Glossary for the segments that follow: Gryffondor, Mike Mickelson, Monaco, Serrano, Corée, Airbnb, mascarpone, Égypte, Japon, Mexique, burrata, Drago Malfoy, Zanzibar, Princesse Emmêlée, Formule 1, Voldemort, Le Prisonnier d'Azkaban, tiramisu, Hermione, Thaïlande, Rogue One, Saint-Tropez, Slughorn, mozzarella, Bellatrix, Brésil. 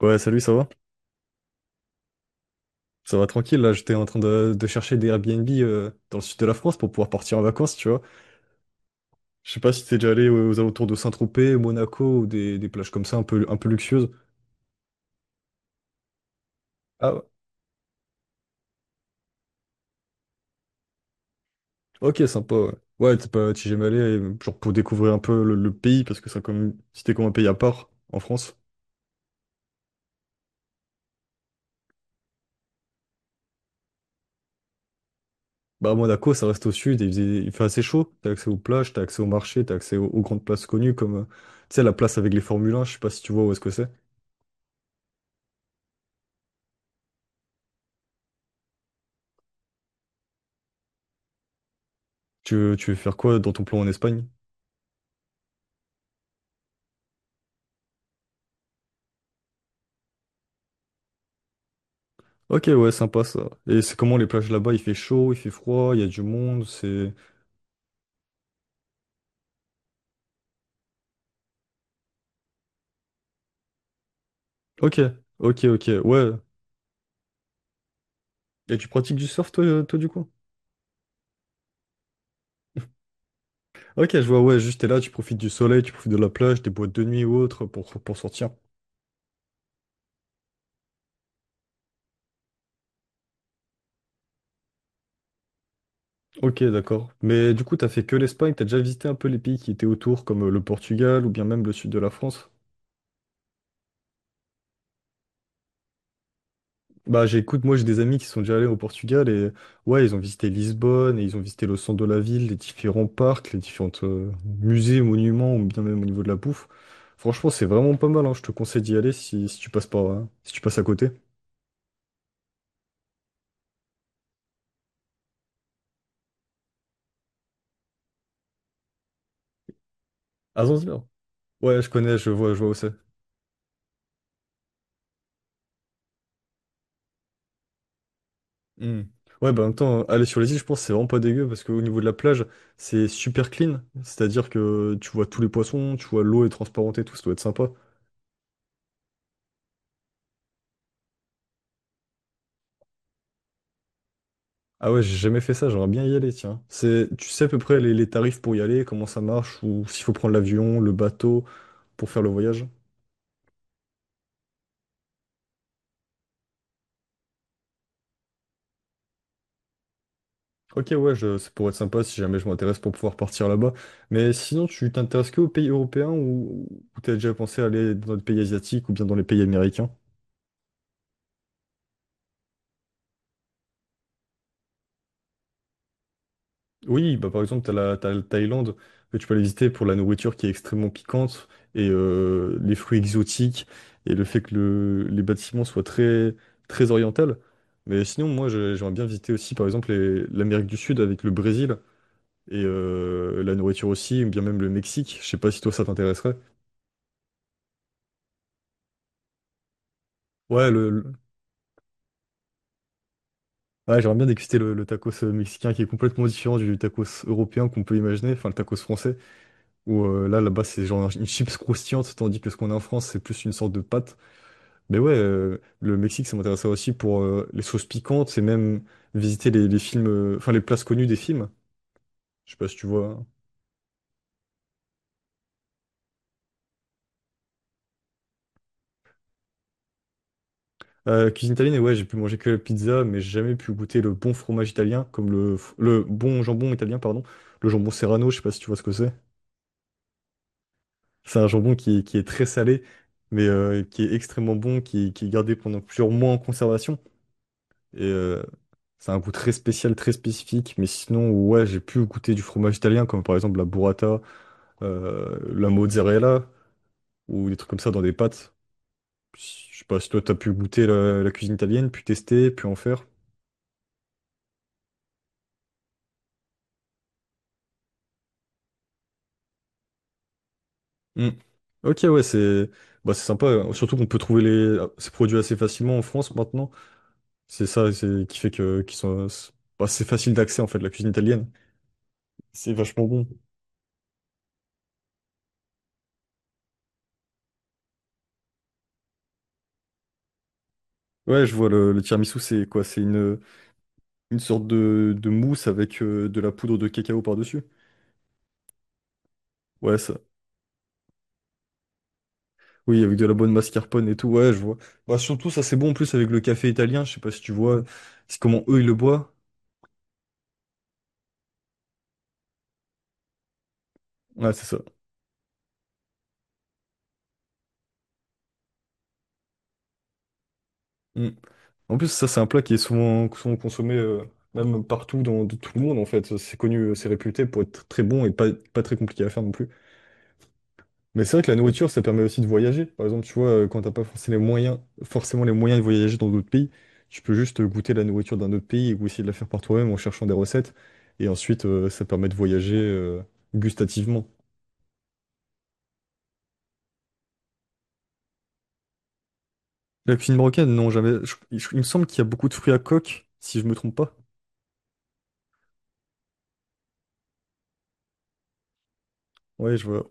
Ouais, salut, ça va? Ça va tranquille, là, j'étais en train de chercher des Airbnb dans le sud de la France pour pouvoir partir en vacances, tu vois. Je sais pas si t'es déjà allé aux alentours de Saint-Tropez, Monaco, ou des plages comme ça, un peu luxueuses. Ah ouais, ok, sympa, ouais. Ouais, t'es pas, t'y jamais allé, genre pour découvrir un peu le pays, parce que ça, comme, c'était comme un pays à part en France. Bah, à Monaco, ça reste au sud, et il fait assez chaud, t'as accès aux plages, t'as accès au marché, t'as accès aux grandes places connues, comme, tu sais, la place avec les Formule 1, je sais pas si tu vois où est-ce que c'est. Tu veux faire quoi dans ton plan en Espagne? Ok, ouais, sympa ça. Et c'est comment les plages là-bas? Il fait chaud, il fait froid, il y a du monde. Ok, ok, ok, ouais. Et tu pratiques du surf, toi, du coup? Ok, je vois, ouais, juste t'es là, tu profites du soleil, tu profites de la plage, des boîtes de nuit ou autre pour sortir. Ok, d'accord. Mais du coup, t'as fait que l'Espagne, t'as déjà visité un peu les pays qui étaient autour, comme le Portugal ou bien même le sud de la France? Bah j'écoute, moi j'ai des amis qui sont déjà allés au Portugal et ouais, ils ont visité Lisbonne et ils ont visité le centre de la ville, les différents parcs, les différents musées, monuments ou bien même au niveau de la bouffe. Franchement, c'est vraiment pas mal, hein. Je te conseille d'y aller si tu passes par, hein, si tu passes à côté. À Zanzibar. Ouais, je connais, je vois où c'est. Hmm. Ouais, bah en même temps, aller sur les îles, je pense que c'est vraiment pas dégueu parce qu'au niveau de la plage, c'est super clean. C'est-à-dire que tu vois tous les poissons, tu vois l'eau est transparente et tout, ça doit être sympa. Ah ouais, j'ai jamais fait ça, j'aimerais bien y aller, tiens. Tu sais à peu près les tarifs pour y aller, comment ça marche, ou s'il faut prendre l'avion, le bateau pour faire le voyage? Ok, ouais, ça pourrait être sympa si jamais je m'intéresse pour pouvoir partir là-bas. Mais sinon, tu t'intéresses que aux pays européens ou t'as déjà pensé à aller dans les pays asiatiques ou bien dans les pays américains? Oui, bah par exemple, t'as la Thaïlande, que tu peux aller visiter pour la nourriture qui est extrêmement piquante et les fruits exotiques et le fait que les bâtiments soient très, très orientaux. Mais sinon, moi, j'aimerais bien visiter aussi, par exemple, l'Amérique du Sud avec le Brésil et la nourriture aussi, ou bien même le Mexique. Je sais pas si toi, ça t'intéresserait. Ouais, ouais, j'aimerais bien déguster le tacos mexicain qui est complètement différent du tacos européen qu'on peut imaginer, enfin le tacos français. Où là-bas, c'est genre une chips croustillante, tandis que ce qu'on a en France, c'est plus une sorte de pâte. Mais ouais, le Mexique, ça m'intéressait aussi pour les sauces piquantes et même visiter les films, enfin les places connues des films. Je sais pas si tu vois, hein. Cuisine italienne, et ouais, j'ai pu manger que la pizza, mais j'ai jamais pu goûter le bon fromage italien, comme le bon jambon italien, pardon. Le jambon Serrano, je sais pas si tu vois ce que c'est. C'est un jambon qui est très salé, mais qui est extrêmement bon, qui est gardé pendant plusieurs mois en conservation. Et c'est un goût très spécial, très spécifique. Mais sinon, ouais, j'ai pu goûter du fromage italien, comme par exemple la burrata, la mozzarella, ou des trucs comme ça dans des pâtes. Je sais pas si toi, t'as pu goûter la cuisine italienne, puis tester, puis en faire. Hmm. Ok, ouais, c'est bah, c'est sympa, hein. Surtout qu'on peut trouver ces produits assez facilement en France maintenant. Qui fait que qu'ils sont... c'est Bah, c'est facile d'accès, en fait, la cuisine italienne. C'est vachement bon. Ouais, je vois, le tiramisu, c'est quoi? Une sorte de mousse avec de la poudre de cacao par-dessus. Ouais, ça. Oui, avec de la bonne mascarpone et tout, ouais, je vois. Bah, surtout, ça, c'est bon en plus avec le café italien, je sais pas si tu vois, c'est comment eux, ils le boivent. Ouais, c'est ça. Mm. En plus, ça, c'est un plat qui est souvent consommé, même partout dans tout le monde, en fait. C'est connu, c'est réputé pour être très bon et pas très compliqué à faire non plus. Mais c'est vrai que la nourriture, ça permet aussi de voyager. Par exemple, tu vois, quand t'as pas forcément les moyens de voyager dans d'autres pays, tu peux juste goûter la nourriture d'un autre pays ou essayer de la faire par toi-même en cherchant des recettes. Et ensuite, ça permet de voyager gustativement. La cuisine marocaine, non, jamais. Il me semble qu'il y a beaucoup de fruits à coque, si je me trompe pas. Ouais, je vois.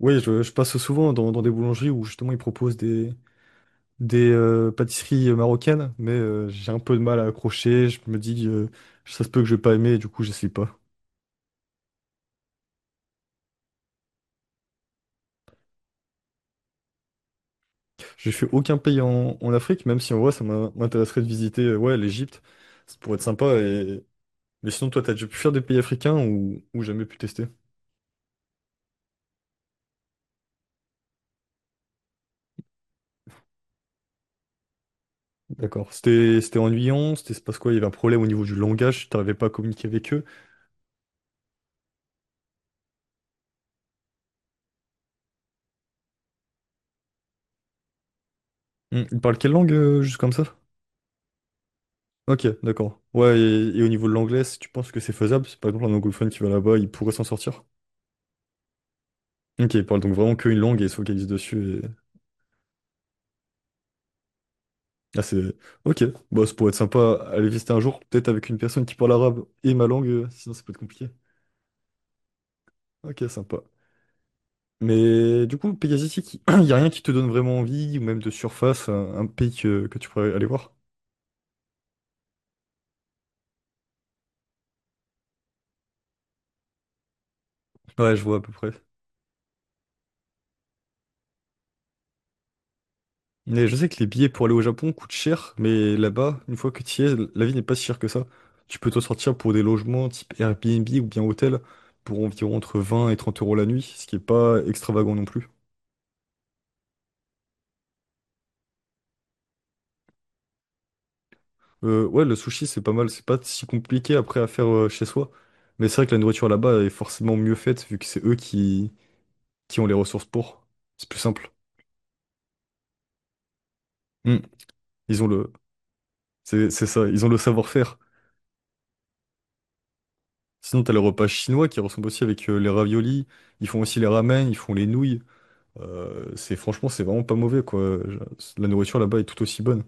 Ouais, je passe souvent dans des boulangeries où justement ils proposent des pâtisseries marocaines, mais j'ai un peu de mal à accrocher. Je me dis, ça se peut que je vais pas aimer, et du coup, j'essaye pas. J'ai fait aucun pays en Afrique, même si en vrai, ça m'intéresserait de visiter ouais, l'Égypte. Ça pourrait être sympa. Mais sinon, toi, t'as déjà pu faire des pays africains ou jamais pu tester? D'accord. C'était ennuyant, c'était se passe quoi? Il y avait un problème au niveau du langage, t'arrivais pas à communiquer avec eux. Ils parlent quelle langue, juste comme ça? Ok, d'accord. Ouais, et au niveau de l'anglais, si tu penses que c'est faisable, c'est par exemple un anglophone qui va là-bas, il pourrait s'en sortir. Ok, il parle donc vraiment qu'une langue et il se focalise dessus. Ah. Ok, bah, ça pourrait être sympa à aller visiter un jour, peut-être avec une personne qui parle arabe et ma langue, sinon ça peut être compliqué. Ok, sympa. Mais du coup, pays asiatique, il n'y a rien qui te donne vraiment envie, ou même de surface, un pays que tu pourrais aller voir? Ouais, je vois à peu près. Mais je sais que les billets pour aller au Japon coûtent cher, mais là-bas, une fois que tu y es, la vie n'est pas si chère que ça. Tu peux te sortir pour des logements type Airbnb ou bien hôtel pour environ entre 20 et 30 € la nuit, ce qui est pas extravagant non plus. Ouais, le sushi, c'est pas mal. C'est pas si compliqué après à faire chez soi. Mais c'est vrai que la nourriture là-bas est forcément mieux faite vu que c'est eux qui ont les ressources pour. C'est plus simple. Hmm. Ils ont le, c'est ça, ils ont le savoir-faire. Sinon, t'as les repas chinois qui ressemblent aussi avec les raviolis. Ils font aussi les ramen, ils font les nouilles. C'est Franchement, c'est vraiment pas mauvais quoi. La nourriture là-bas est tout aussi bonne.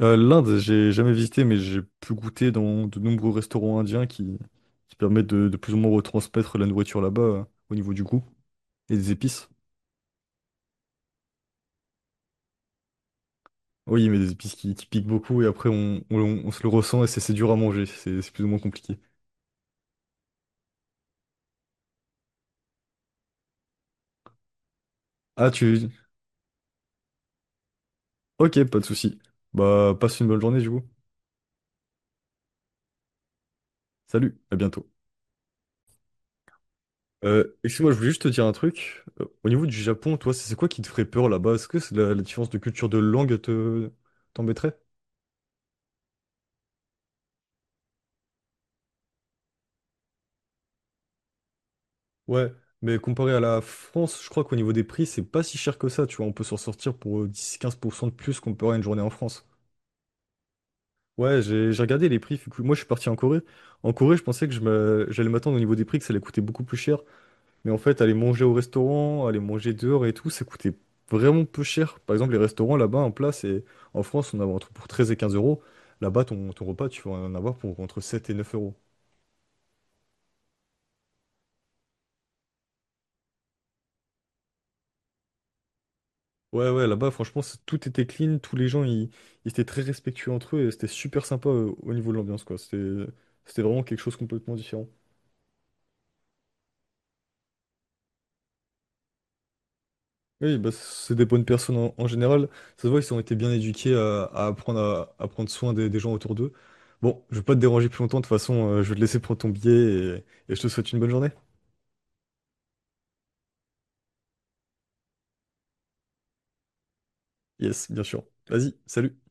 L'Inde, j'ai jamais visité, mais j'ai pu goûter dans de nombreux restaurants indiens qui permettent de plus ou moins retransmettre la nourriture là-bas au niveau du goût et des épices. Oui, mais des épices qui piquent beaucoup et après on se le ressent et c'est dur à manger, c'est plus ou moins compliqué. Ah. Ok, pas de souci. Bah, passe une bonne journée du coup. Salut, à bientôt. Excuse-moi, je voulais juste te dire un truc. Au niveau du Japon, toi, c'est quoi qui te ferait peur là-bas? Est-ce que c'est la différence de culture de langue te t'embêterait? Ouais, mais comparé à la France, je crois qu'au niveau des prix, c'est pas si cher que ça, tu vois. On peut s'en sortir pour 10-15 % de plus qu'on peut avoir une journée en France. Ouais, j'ai regardé les prix. Fait que moi, je suis parti en Corée. En Corée, je pensais que j'allais m'attendre au niveau des prix que ça allait coûter beaucoup plus cher. Mais en fait, aller manger au restaurant, aller manger dehors et tout, ça coûtait vraiment peu cher. Par exemple, les restaurants là-bas, un plat c'est en France, on en a entre pour 13 et 15 euros. Là-bas, ton repas, tu vas en avoir pour entre 7 et 9 euros. Ouais, ouais, là-bas, franchement, tout était clean, tous les gens, ils étaient très respectueux entre eux, et c'était super sympa au niveau de l'ambiance, quoi. C'était vraiment quelque chose de complètement différent. Oui, bah, c'est des bonnes personnes en général. Ça se voit, ils ont été bien éduqués à apprendre à prendre soin des gens autour d'eux. Bon, je vais pas te déranger plus longtemps, de toute façon, je vais te laisser prendre ton billet, et je te souhaite une bonne journée. Yes, bien sûr. Vas-y, salut.